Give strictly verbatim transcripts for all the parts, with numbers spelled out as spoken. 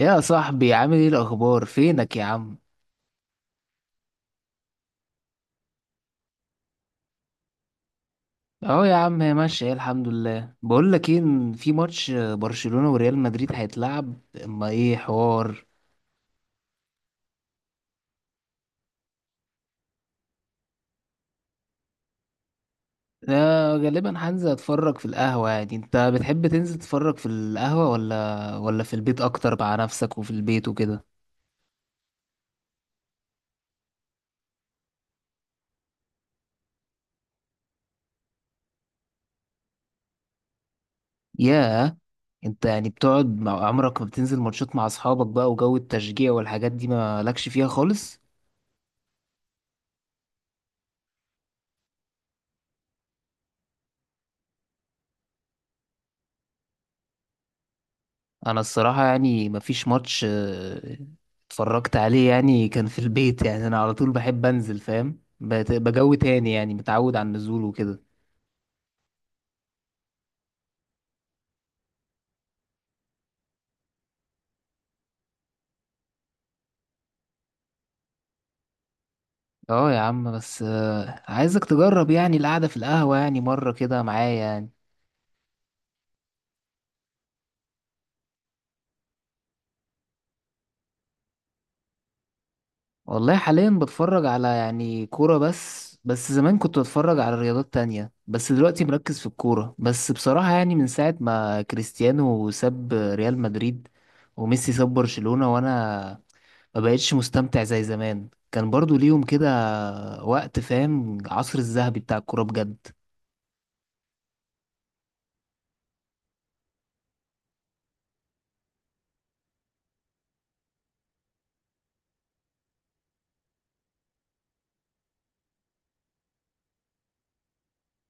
يا صاحبي، عامل ايه الاخبار؟ فينك يا عم؟ اهو يا عم هي ماشيه، إيه الحمد لله. بقول لك ايه، إن في ماتش برشلونه وريال مدريد هيتلعب. اما ايه حوار. لا غالبا هنزل اتفرج في القهوه. يعني انت بتحب تنزل تتفرج في القهوه ولا ولا في البيت اكتر مع نفسك وفي البيت وكده؟ ياه. انت يعني بتقعد مع عمرك؟ ما بتنزل ماتشات مع اصحابك بقى وجو التشجيع والحاجات دي ما لكش فيها خالص؟ انا الصراحه يعني مفيش ماتش آه، اتفرجت عليه يعني كان في البيت. يعني انا على طول بحب انزل، فاهم؟ بت- بجو تاني يعني، متعود على النزول وكده. اه يا عم، بس آه، عايزك تجرب يعني القعده في القهوه يعني مره كده معايا يعني. والله حاليا بتفرج على يعني كوره بس. بس زمان كنت بتفرج على رياضات تانية، بس دلوقتي مركز في الكوره بس بصراحه. يعني من ساعه ما كريستيانو ساب ريال مدريد وميسي ساب برشلونه، وانا ما بقتش مستمتع زي زمان. كان برضو ليهم كده وقت، فاهم؟ العصر الذهبي بتاع الكورة بجد.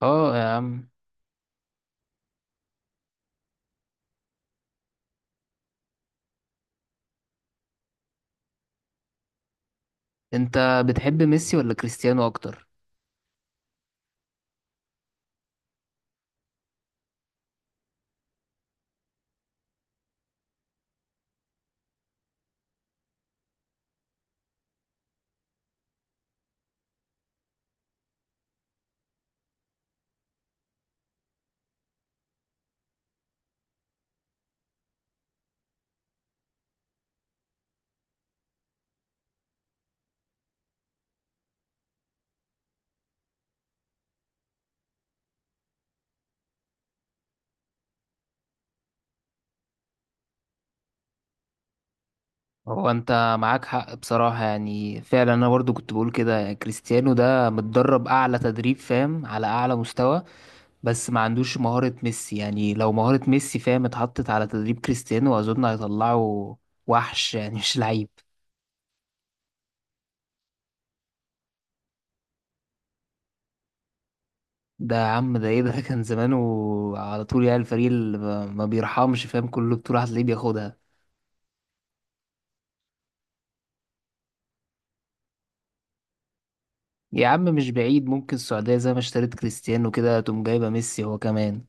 اه يا عم. انت بتحب ميسي ولا كريستيانو اكتر؟ هو انت معاك حق بصراحة. يعني فعلا انا برضو كنت بقول كده. يعني كريستيانو ده متدرب اعلى تدريب، فاهم؟ على اعلى مستوى، بس ما عندوش مهارة ميسي. يعني لو مهارة ميسي، فاهم، اتحطت على تدريب كريستيانو، اظن هيطلعه وحش، يعني مش لعيب. ده يا عم، ده ايه ده؟ كان زمانه على طول يعني الفريق اللي ما ما بيرحمش، فاهم؟ كل بطولة هتلاقيه بياخدها. يا عم مش بعيد، ممكن السعودية زي ما اشتريت كريستيانو كده تقوم جايبة ميسي هو كمان.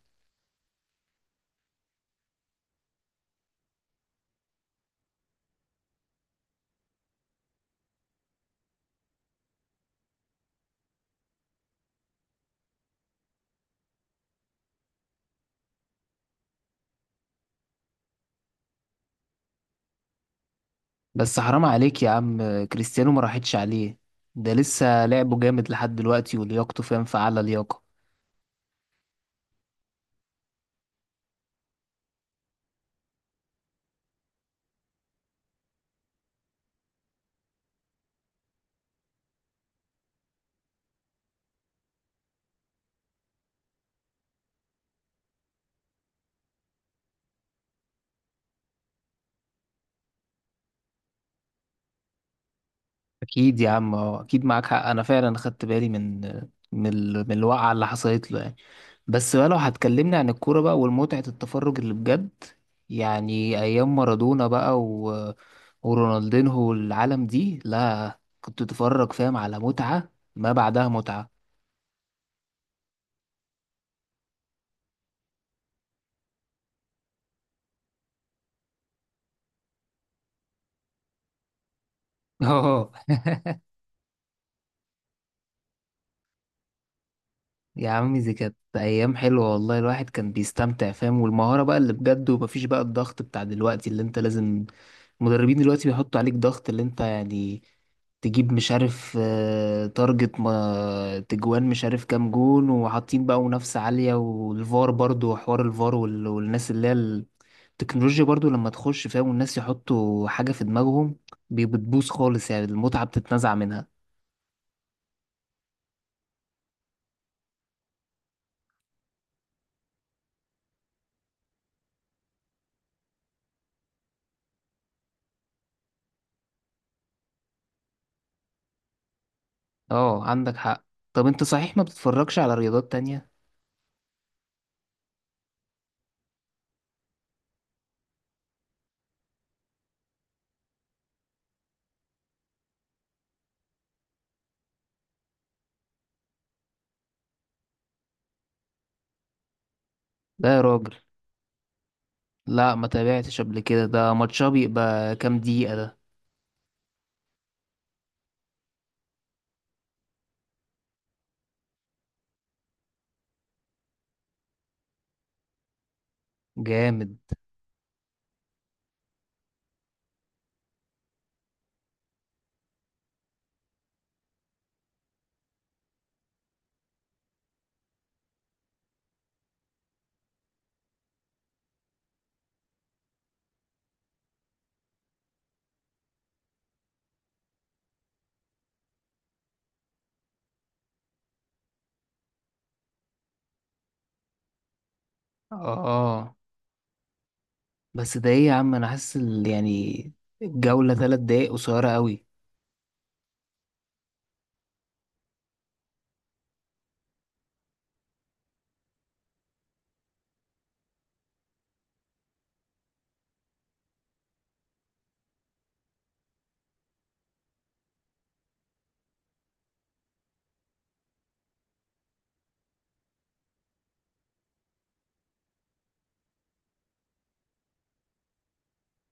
بس حرام عليك يا عم، كريستيانو ما راحتش عليه. ده لسه لعبه جامد لحد دلوقتي، ولياقته، فاهم، في أعلى لياقة. أكيد يا عم، أه أكيد معاك حق. أنا فعلا خدت بالي من من ال- من الوقعة اللي حصلت له يعني. بس بقى لو هتكلمني عن الكورة بقى والمتعة التفرج اللي بجد، يعني أيام مارادونا بقى و... ورونالدينهو والعالم دي، لا كنت تتفرج، فاهم، على متعة ما بعدها متعة. اه يا عمي، دي كانت أيام حلوة والله. الواحد كان بيستمتع، فاهم؟ والمهارة بقى اللي بجد، ومفيش بقى الضغط بتاع دلوقتي اللي أنت لازم. المدربين دلوقتي بيحطوا عليك ضغط اللي أنت يعني تجيب، مش عارف، آه، تارجت ما تجوان، مش عارف كام جون، وحاطين بقى منافسة عالية. والفار برضو وحوار الفار وال- والناس اللي هي التكنولوجيا برضو لما تخش، فاهم، والناس يحطوا حاجة في دماغهم، بي- بتبوظ خالص. يعني المتعة بتتنزع منها. اه عندك حق. طب انت صحيح ما بتتفرجش على رياضات تانية؟ لا يا راجل. لا ما تابعتش قبل كده. ده ماتشها بيبقى كام دقيقة ده؟ جامد. اه بس ده ايه يا عم؟ انا حاسس ال- يعني الجولة تلات دقايق قصيرة قوي.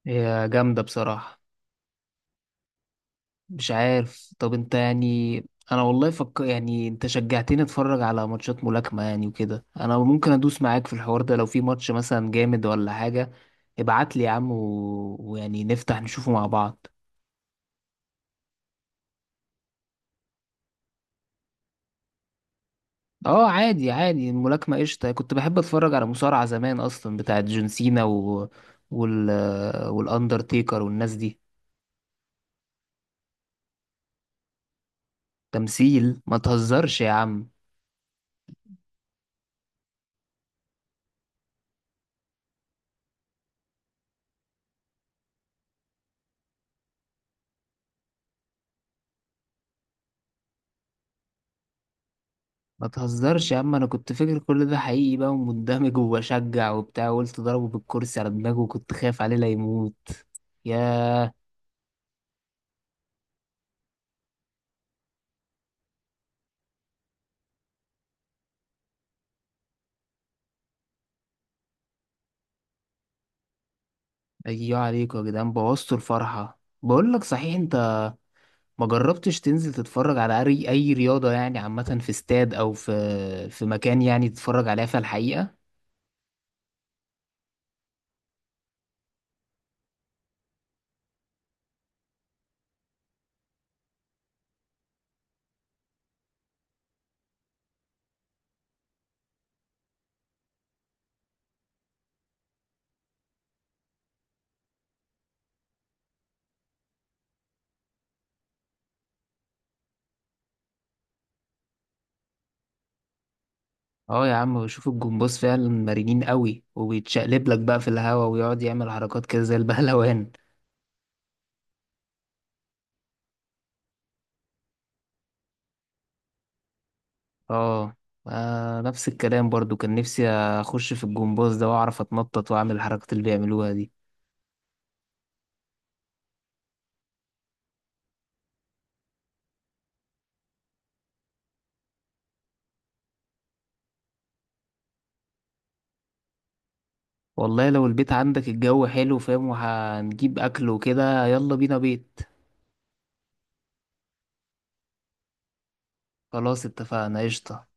هي جامدة بصراحة. مش عارف. طب انت يعني، انا والله فك، يعني انت شجعتني اتفرج على ماتشات ملاكمة يعني وكده. انا ممكن ادوس معاك في الحوار ده. لو في ماتش مثلا جامد ولا حاجة ابعت لي يا عم، و... ويعني نفتح نشوفه مع بعض. اه عادي عادي، الملاكمة قشطة. كنت بحب اتفرج على مصارعة زمان اصلا، بتاعت جون سينا و... وال والاندرتيكر والناس دي. تمثيل؟ ما تهزرش يا عم. ما تهزرش يا عم، انا كنت فاكر كل ده حقيقي بقى، ومندمج وبشجع وبتاع، وقلت ضربه بالكرسي على دماغه وكنت خايف عليه لا يموت. ياه. ايوه عليكم يا جدعان، بوظتوا الفرحة. بقول لك، صحيح انت ما جربتش تنزل تتفرج على اي اي رياضة يعني عامة في استاد او في في مكان، يعني تتفرج عليها في الحقيقة؟ اه يا عم، بشوف الجمباز فعلا مرنين قوي، وبيتشقلب لك بقى في الهوا ويقعد يعمل حركات كده زي البهلوان. اه، آه، نفس الكلام برضو، كان نفسي اخش في الجمباز ده واعرف اتنطط واعمل الحركات اللي بيعملوها دي. والله لو البيت عندك الجو حلو، فاهم، وهنجيب اكل وكده، يلا بينا بيت. خلاص اتفقنا قشطة.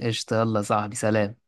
قشطة يلا يا صاحبي، سلام.